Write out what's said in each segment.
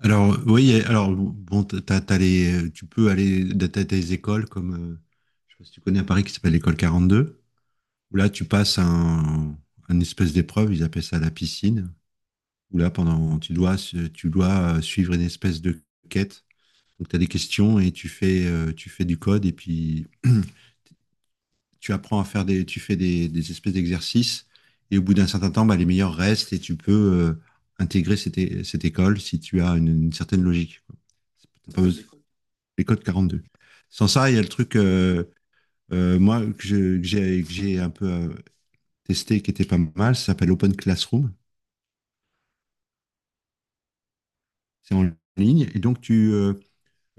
Alors, oui, alors, bon, t'as, t'as les, tu peux aller, t'as t'as des écoles comme, je sais pas si tu connais à Paris qui s'appelle l'école 42 où là, tu passes un espèce d'épreuve, ils appellent ça la piscine, où là, pendant, tu dois suivre une espèce de quête. Donc, t'as des questions et tu fais du code et puis tu apprends à faire des, tu fais des espèces d'exercices et au bout d'un certain temps, bah, les meilleurs restent et tu peux, intégrer cette école si tu as une certaine logique, quoi. T'as pas besoin- les codes 42. Sans ça, il y a le truc, moi, que j'ai un peu testé, qui était pas mal, ça s'appelle Open Classroom. C'est en ligne. Et donc, tu, euh,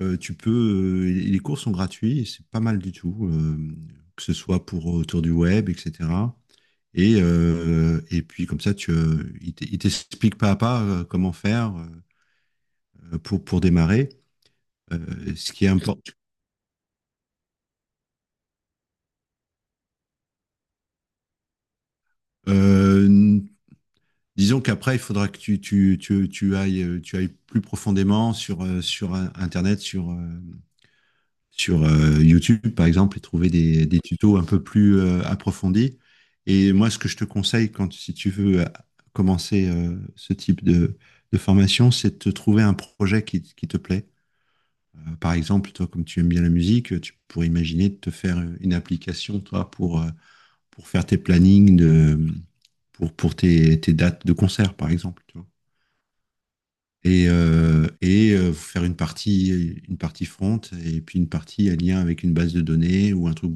euh, tu peux, les cours sont gratuits, et c'est pas mal du tout, que ce soit pour autour du web, etc. Et puis, comme ça, il t'explique pas à pas comment faire pour, démarrer. Ce qui est important. Disons qu'après, il faudra que tu ailles plus profondément sur, sur Internet, sur, sur YouTube, par exemple, et trouver des tutos un peu plus approfondis. Et moi, ce que je te conseille, si tu veux commencer ce type de, formation, c'est de te trouver un projet qui te plaît. Par exemple, toi, comme tu aimes bien la musique, tu pourrais imaginer de te faire une application, toi, pour faire tes plannings pour tes dates de concert, par exemple, tu vois. Et, faire une partie front et puis une partie en lien avec une base de données ou un truc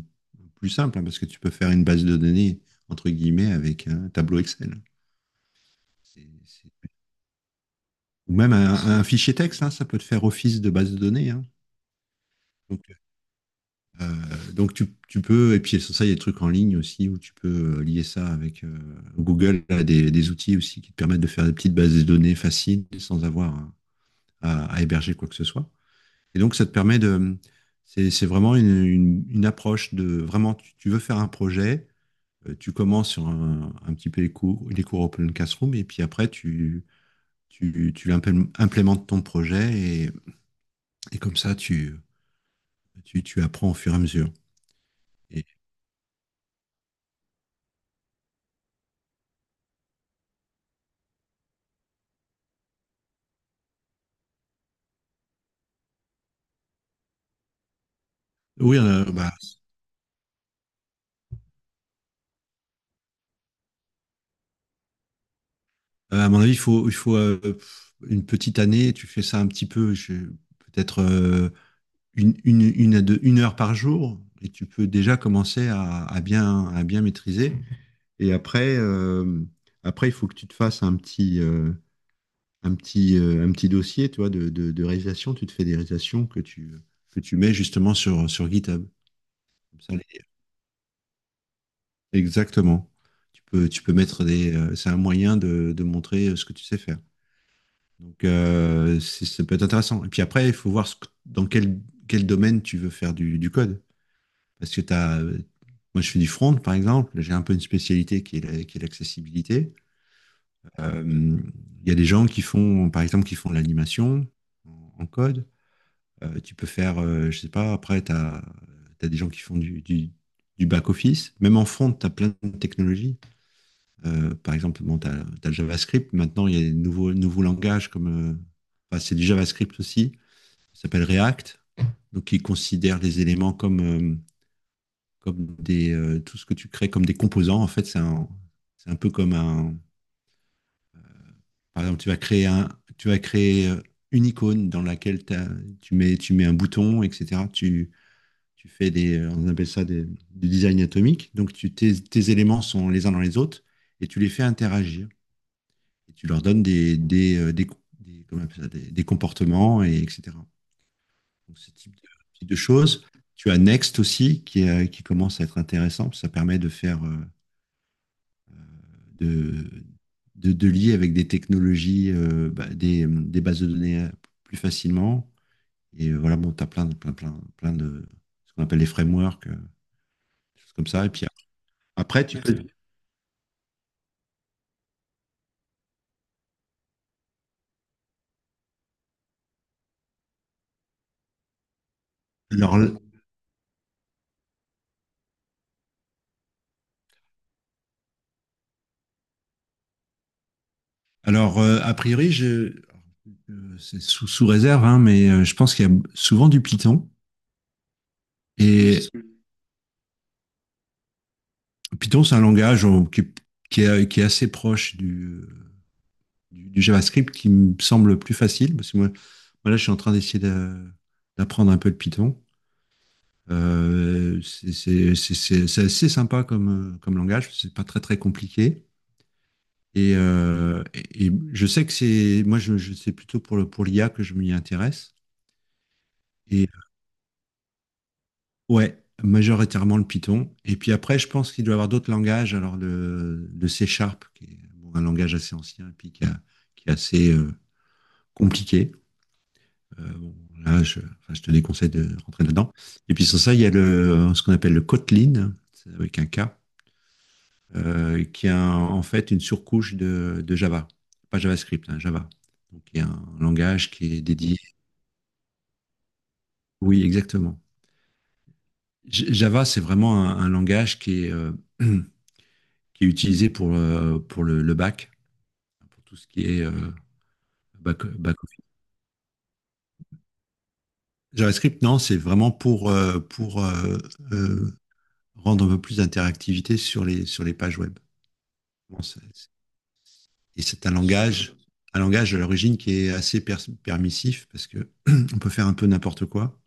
plus simple, hein, parce que tu peux faire une base de données, entre guillemets, avec un tableau Excel. C'est- c'est- Ou même un fichier texte, hein, ça peut te faire office de base de données, hein. Donc, donc, tu peux, et puis sans ça, il y a des trucs en ligne aussi où tu peux lier ça avec Google, a des outils aussi qui te permettent de faire des petites bases de données faciles sans avoir à héberger quoi que ce soit. Et donc, ça te permet de. C'est vraiment une approche de. Vraiment, tu veux faire un projet, tu commences sur un petit peu les cours Open Classroom, et puis après, tu implémentes ton projet, et, et comme ça, tu apprends au fur et à mesure. Et- oui, bah, à mon avis, il faut, une petite année, tu fais ça un petit peu, peut-être une heure par jour, et tu peux déjà commencer à bien maîtriser. Et après, il faut que tu te fasses un petit dossier, tu vois, de réalisation. Tu te fais des réalisations que tu mets justement sur GitHub. Comme ça, les- Exactement. Tu peux mettre des. C'est un moyen de montrer ce que tu sais faire. Donc, ça peut être intéressant. Et puis après, il faut voir dans quel domaine tu veux faire du code. Parce que t'as, moi, je fais du front, par exemple. J'ai un peu une spécialité qui est l'accessibilité. Euh, Il y a des gens qui font, par exemple, qui font de l'animation en code. Tu peux faire, je sais pas, après, tu as, des gens qui font du back-office. Même en front, tu as plein de technologies. Par exemple, bon, tu as, le JavaScript. Maintenant, il y a des nouveaux langages comme. euh, enfin, c'est du JavaScript aussi. Ça s'appelle React. Donc, il considère les éléments comme, comme des, tout ce que tu crées comme des composants. En fait, c'est un peu comme un, par exemple, tu vas créer une icône dans laquelle tu mets un bouton, etc. Tu fais des, on appelle ça du design atomique. Donc, tes éléments sont les uns dans les autres et tu les fais interagir. Et tu leur donnes comment on appelle ça, des comportements, et etc. Donc, ce type de choses. Tu as Next aussi qui commence à être intéressant. Ça permet de faire, de, de lier avec des technologies, bah, des bases de données plus facilement. Et voilà, bon, tu as plein de ce qu'on appelle les frameworks, des choses comme ça. Et puis après, tu peux. Alors, alors, a priori, je. C'est sous réserve, hein, mais je pense qu'il y a souvent du Python. Et Python, c'est un langage qui est assez proche du JavaScript qui me semble plus facile. Parce que moi, là, je suis en train d'essayer d'apprendre un peu le Python. C'est assez sympa comme, comme langage, c'est pas très très compliqué. Et je sais que c'est, moi je- c'est plutôt pour pour l'IA que je m'y intéresse. Et ouais, majoritairement le Python. Et puis après, je pense qu'il doit y avoir d'autres langages. Alors le C#, qui est bon, un langage assez ancien et puis qui est assez compliqué. Bon, là, enfin, je te déconseille de rentrer là-dedans. Et puis sans ça, il y a ce qu'on appelle le Kotlin, c'est avec un K, qui a en fait une surcouche de Java. Pas JavaScript, hein, Java. Donc, il y a un langage qui est dédié. Oui, exactement. Java, c'est vraiment un langage qui est, qui est utilisé pour le back, pour tout ce qui est back office. JavaScript, non, c'est vraiment pour, euh, rendre un peu plus d'interactivité sur les pages web. Bon. Et c'est un langage, à l'origine qui est assez permissif parce que on peut faire un peu n'importe quoi.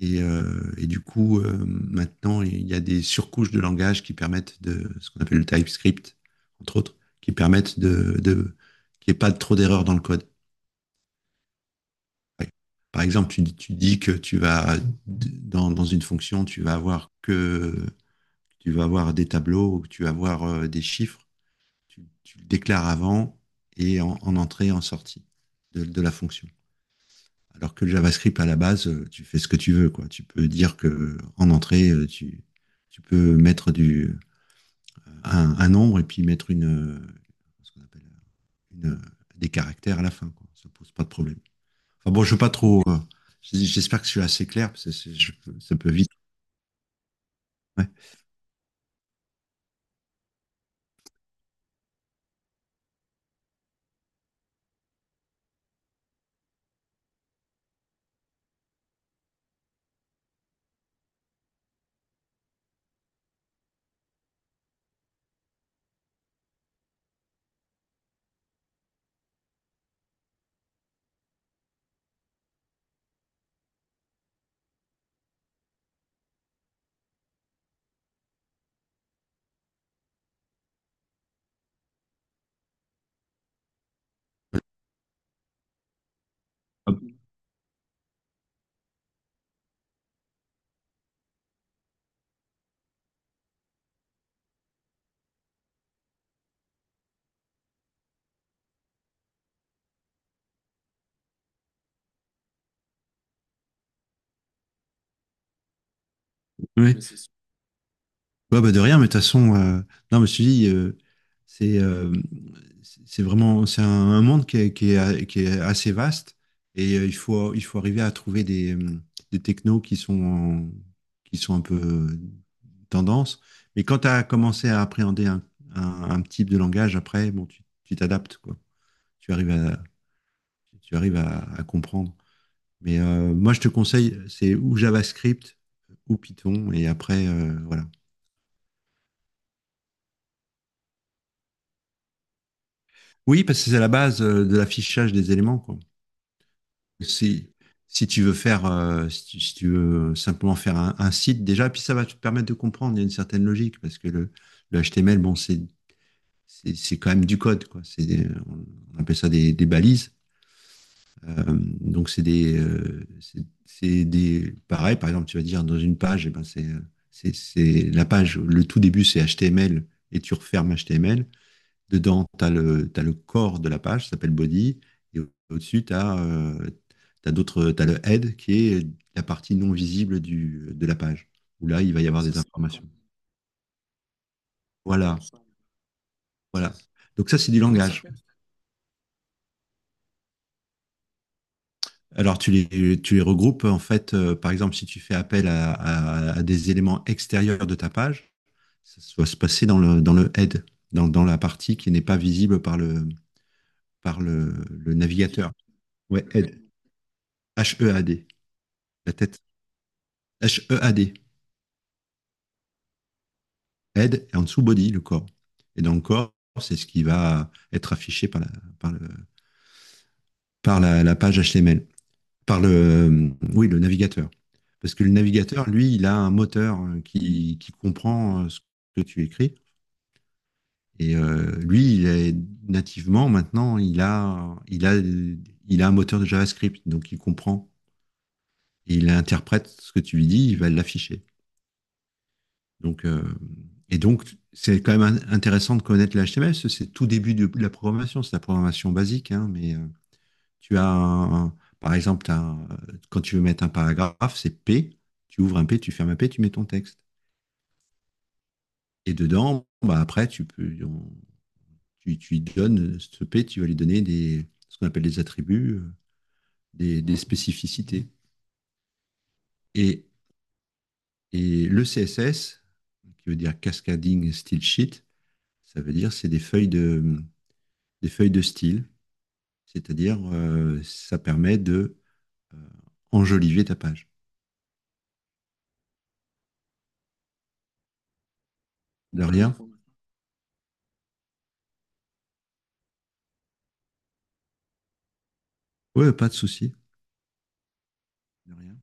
Et du coup, maintenant, il y a des surcouches de langage qui permettent de, ce qu'on appelle le TypeScript, entre autres, qui permettent de, qu'il n'y ait pas trop d'erreurs dans le code. Ouais. Par exemple, tu dis que tu vas, dans une fonction, tu vas avoir des tableaux ou que tu vas avoir des chiffres. Tu le déclares avant et en entrée et en sortie de la fonction. Alors que le JavaScript, à la base, tu fais ce que tu veux, quoi. Tu peux dire que en entrée, tu peux mettre un nombre et puis mettre une, ce qu'on appelle une, des caractères à la fin, quoi. Ça pose pas de problème. Enfin bon, je veux pas trop, j'espère que je suis assez clair, parce que ça peut vite. Ouais. Hop. Ouais. Ouais, bah de rien, mais de toute façon, non, je me suis dit, c'est euh, c'est vraiment, c'est un monde qui est assez vaste et il faut arriver à trouver des technos qui sont un peu tendance. Mais quand tu as commencé à appréhender un type de langage, après, bon, tu t'adaptes, quoi. Tu arrives à, tu arrives à comprendre. Mais moi, je te conseille, c'est ou JavaScript ou Python et après, voilà. Oui, parce que c'est la base de l'affichage des éléments, quoi. Si, si tu veux faire, si, tu, si tu veux simplement faire un site déjà, puis ça va te permettre de comprendre, il y a une certaine logique, parce que le HTML, bon, c'est quand même du code, quoi. On appelle ça des balises. Euh, donc c'est des, pareil, par exemple, tu vas dire dans une page, eh ben c'est la page, le tout début c'est HTML et tu refermes HTML. Dedans, tu as le corps de la page, ça s'appelle body. Et au-dessus, t'as le head qui est la partie non visible de la page, où là, il va y avoir des informations. Voilà, voilà. Donc ça, c'est du langage. Alors, tu les regroupes, en fait, par exemple, si tu fais appel à des éléments extérieurs de ta page, ça va se passer dans le, head, dans la partie qui n'est pas visible par le navigateur. Ouais, head. HEAD, la tête. HEAD. Head et en dessous body, le corps. Et dans le corps, c'est ce qui va être affiché par, le, par la page HTML, par le navigateur. Parce que le navigateur, lui, il a un moteur qui comprend ce que tu écris. Et lui, il est, nativement, maintenant, il a un moteur de JavaScript. Donc, il comprend. Et il interprète ce que tu lui dis, il va l'afficher. Donc, euh, donc, c'est quand même intéressant de connaître le HTML, parce que c'est tout début de la programmation, c'est la programmation basique, hein, mais tu as, un- par exemple, quand tu veux mettre un paragraphe, c'est P, tu ouvres un P, tu fermes un P, tu mets ton texte. Et dedans, bah, après, tu lui donnes ce P, tu vas lui donner des, ce qu'on appelle des attributs, des spécificités. Et, et le CSS, qui veut dire Cascading Style Sheet, ça veut dire c'est des des feuilles de style. C'est-à-dire, ça permet de euh, enjoliver ta page. De rien. Ouais, pas de souci. De rien.